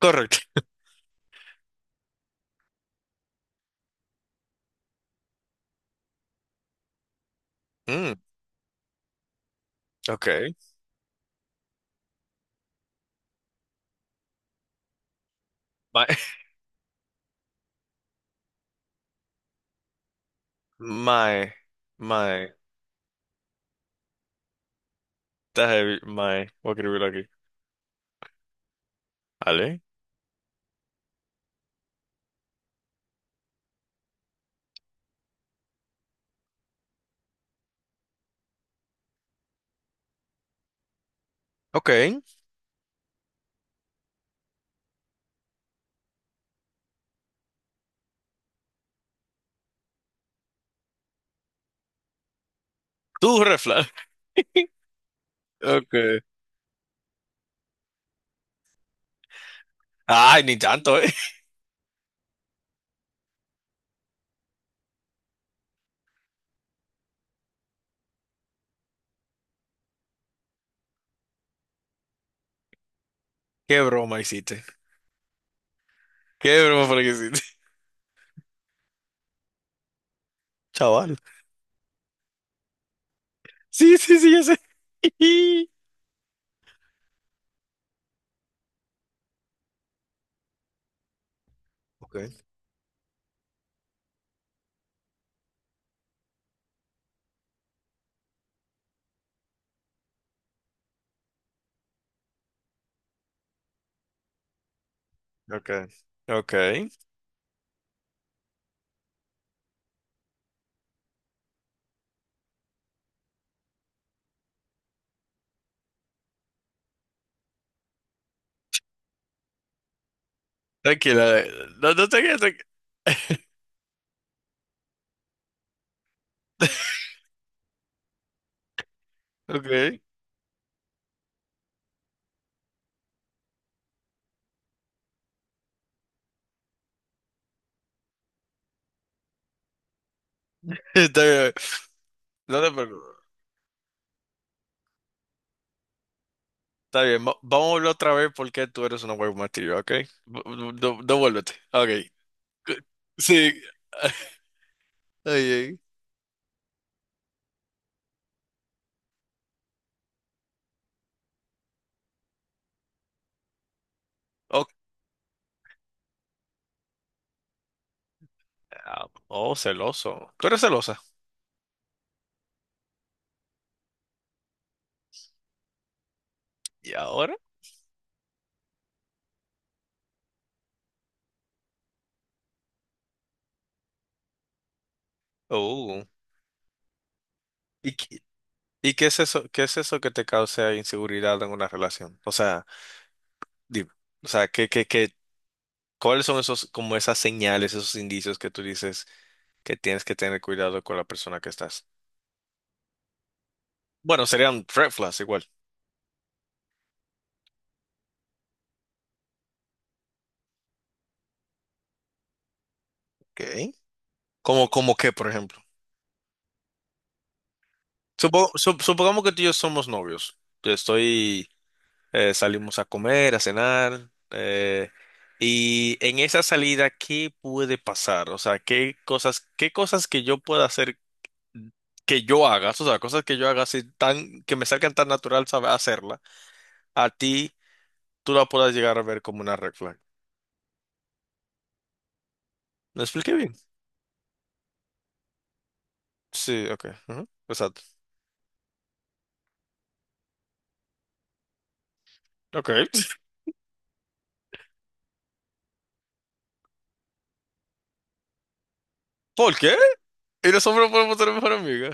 Correct. Mm, okay. My, my, my, está heavy, my, voy a escribirlo aquí. ¿Vale? Okay. Tú, red flag. Okay. Ay, ni tanto, ¿eh? ¿Qué broma hiciste? ¿Qué broma fue la que hiciste? Chaval. Sí, sí, sí, ya sé. Okay, okay, okay. Tranquila, no, no te quedes. Okay. Está bien. No te preocupes. Está bien. Vamos a volver otra vez porque tú eres una web material, ¿ok? Devuélvete. Ok. Sí. Ay, ay. Ok, ah, oh, celoso. ¿Tú eres celosa? ¿Y ahora? Uh, ¿Y, y qué es eso que te causa inseguridad en una relación? O sea, dime, o sea, ¿cuáles son esos, como esas señales, esos indicios que tú dices que tienes que tener cuidado con la persona que estás? Bueno, serían red flags igual. Ok. ¿Cómo qué, por ejemplo? Supongamos que tú y yo somos novios. Yo estoy. Salimos a comer, a cenar. Y en esa salida, ¿qué puede pasar? O sea, qué cosas que yo pueda hacer, que yo haga? O sea, cosas que yo haga así tan, que me salgan tan natural saber hacerla, a ti tú la puedas llegar a ver como una red flag. ¿Lo expliqué bien? Sí, ok. Ujú, exacto. Ok. ¿Por qué? ¿Y nosotros no podemos ser mejor amiga?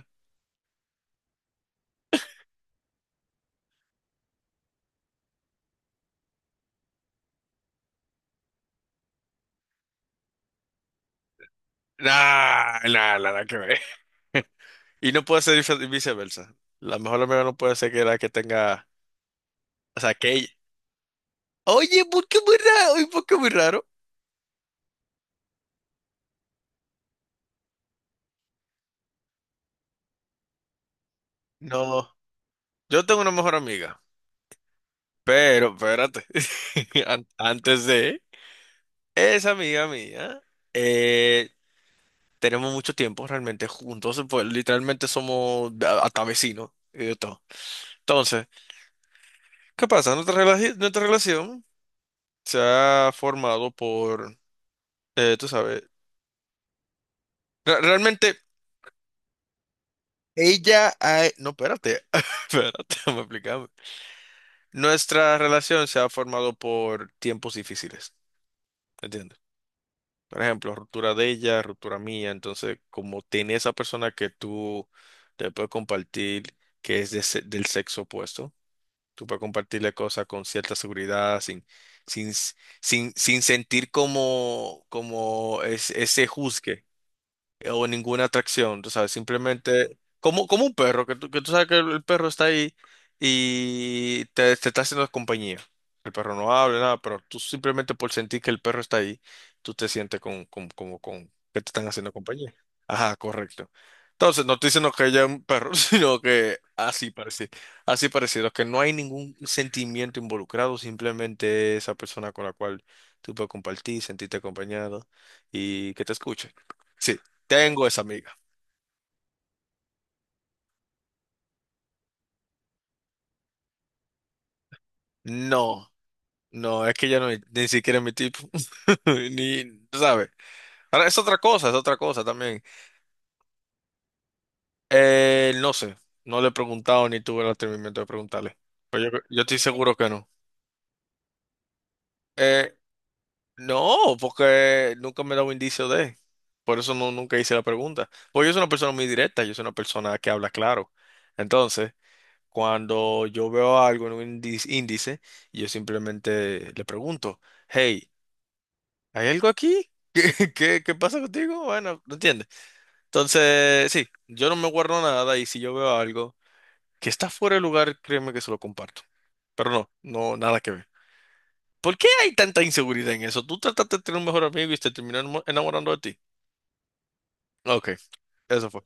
Nah, nah, nada que ver. Y no puede ser viceversa. La mejor amiga no puede ser que la que tenga, o sea, que ella... Oye, ¿por qué muy raro? ¿Y por qué muy raro? No, yo tengo una mejor amiga, pero espérate. Antes de esa amiga mía, eh, tenemos mucho tiempo realmente juntos, pues literalmente somos hasta vecinos y de todo. Entonces, ¿qué pasa? Nuestra relación se ha formado por, tú sabes, realmente ella, no, espérate. Espérate, me explicarme. Nuestra relación se ha formado por tiempos difíciles. ¿Entiendes? Por ejemplo, ruptura de ella, ruptura mía. Entonces, como tiene esa persona que tú te puedes compartir, que es de del sexo opuesto, tú puedes compartirle cosas con cierta seguridad, sin, sin, sentir como, ese juzgue, o ninguna atracción. Tú sabes, simplemente como, un perro, que tú, sabes que el perro está ahí y te, está haciendo compañía. El perro no habla, nada, pero tú simplemente por sentir que el perro está ahí, tú te sientes como con que te están haciendo compañía. Ajá, correcto. Entonces, no estoy diciendo que haya un perro, sino que así parecido, que no hay ningún sentimiento involucrado, simplemente esa persona con la cual tú puedes compartir, sentirte acompañado y que te escuche. Sí. Tengo esa amiga. No, no, es que ya no, ni siquiera es mi tipo. Ni, ¿sabes? Ahora es otra cosa también. No sé, no le he preguntado ni tuve el atrevimiento de preguntarle. Pero yo, estoy seguro que no. Eh, no, porque nunca me he dado indicio de. Por eso no, nunca hice la pregunta. Porque yo soy una persona muy directa, yo soy una persona que habla claro. Entonces, cuando yo veo algo en un índice, yo simplemente le pregunto, hey, ¿hay algo aquí? ¿Qué pasa contigo? Bueno, no entiende. Entonces, sí, yo no me guardo nada, y si yo veo algo que está fuera de lugar, créeme que se lo comparto. Pero no, no, nada que ver. ¿Por qué hay tanta inseguridad en eso? Tú trataste de tener un mejor amigo y te terminó enamorando de ti. Ok, eso fue.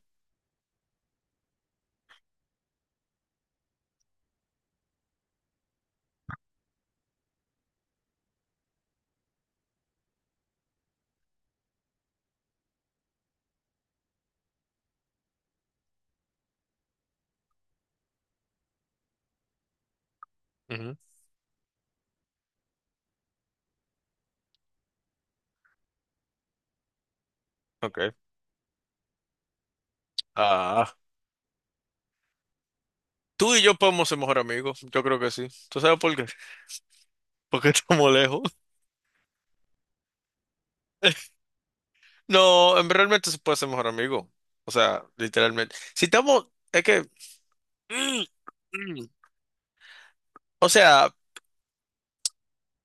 Ujú, ok. Ah, tú y yo podemos ser mejor amigos. Yo creo que sí. ¿Tú sabes por qué? Porque estamos lejos. No, realmente se puede ser mejor amigo. O sea, literalmente. Si estamos, es que... O sea,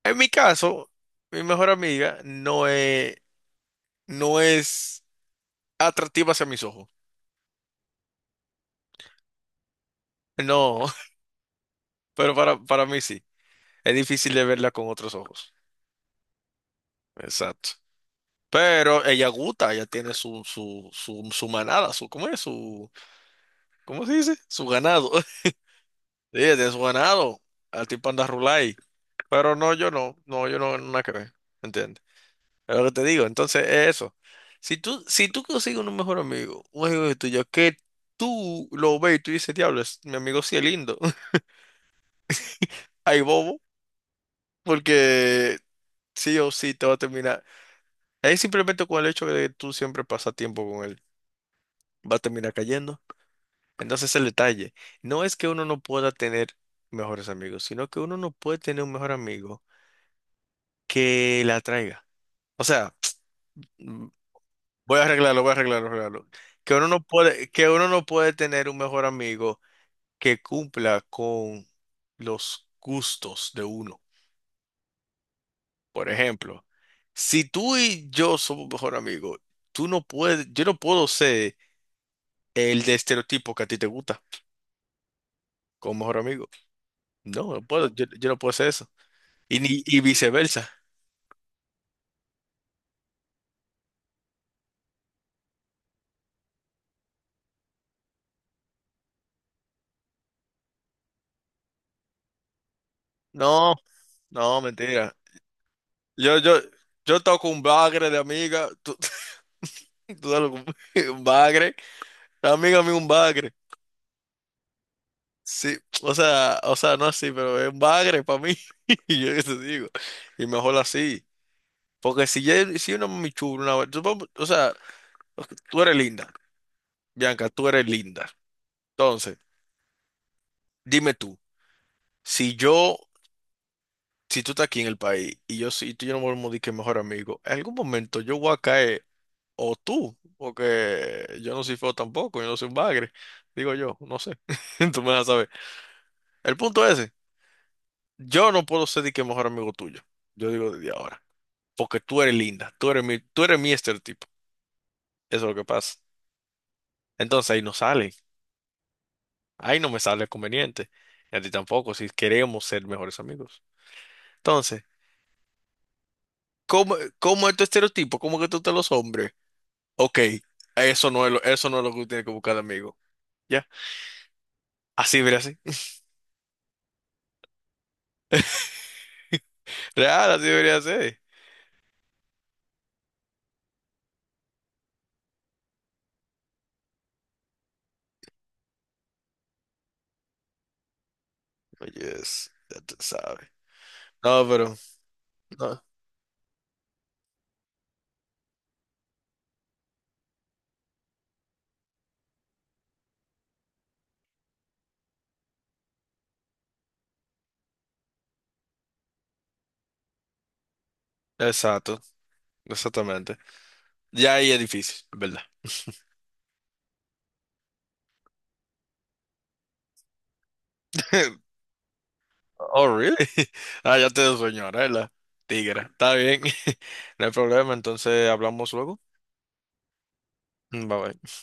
en mi caso, mi mejor amiga no es, no es atractiva hacia mis ojos. No, pero para, mí sí. Es difícil de verla con otros ojos. Exacto. Pero ella gusta, ella tiene su manada, su, ¿cómo es? Su, ¿cómo se dice? Su ganado. Sí, ella tiene su ganado. Al tipo anda rulay. Pero no, yo no. No, yo no, nada que ver. ¿Entiendes? Es lo que te digo. Entonces, es eso. Si tú, consigues un mejor amigo, un amigo tuyo, que tú lo ves y tú dices, diablo, mi amigo sí es lindo. Ay, bobo, porque sí o sí te va a terminar. Es simplemente con el hecho de que tú siempre pasas tiempo con él, va a terminar cayendo. Entonces, el detalle no es que uno no pueda tener mejores amigos, sino que uno no puede tener un mejor amigo que la atraiga. O sea, voy a arreglarlo, voy a arreglarlo, arreglarlo. Que uno no puede, tener un mejor amigo que cumpla con los gustos de uno. Por ejemplo, si tú y yo somos mejor amigos, tú no puedes, yo no puedo ser el de estereotipo que a ti te gusta como mejor amigo. No, no puedo, yo, no puedo ser eso. Y ni, y viceversa. No, no, mentira. Yo, yo, yo toco un bagre de amiga, tú. Tú dale un bagre, amiga mía un bagre. Sí, o sea, no así, pero es un bagre para mí. Y yo qué te digo. Y mejor así. Porque si, ya, si una mami chula, una, o sea, ok, tú eres linda, Bianca, tú eres linda. Entonces, dime tú, si yo, si tú estás aquí en el país y yo sí, tú y yo nos volvemos de que mejor amigo, en algún momento yo voy a caer, o tú, porque yo no soy feo tampoco, yo no soy un bagre, digo yo, no sé. Tú me vas a saber. El punto es, ese, yo no puedo ser de que mejor amigo tuyo, yo digo desde ahora, porque tú eres linda, tú eres mi, estereotipo. Eso es lo que pasa. Entonces ahí no sale, ahí no me sale conveniente, y a ti tampoco, si queremos ser mejores amigos. Entonces, ¿cómo, es tu estereotipo? ¿Cómo que tú te los hombres? Ok, eso no es lo, que tú tienes que buscar de amigo. Ya, así debería ser. Real, así debería ser. Oye, ya te sabes. No, pero, no, exacto, exactamente. Ya ahí es difícil, ¿verdad? Oh, really? Ah, ya te dio sueño, ahora es la tigra. Está bien, no hay problema, entonces hablamos luego. Mm, bye bye.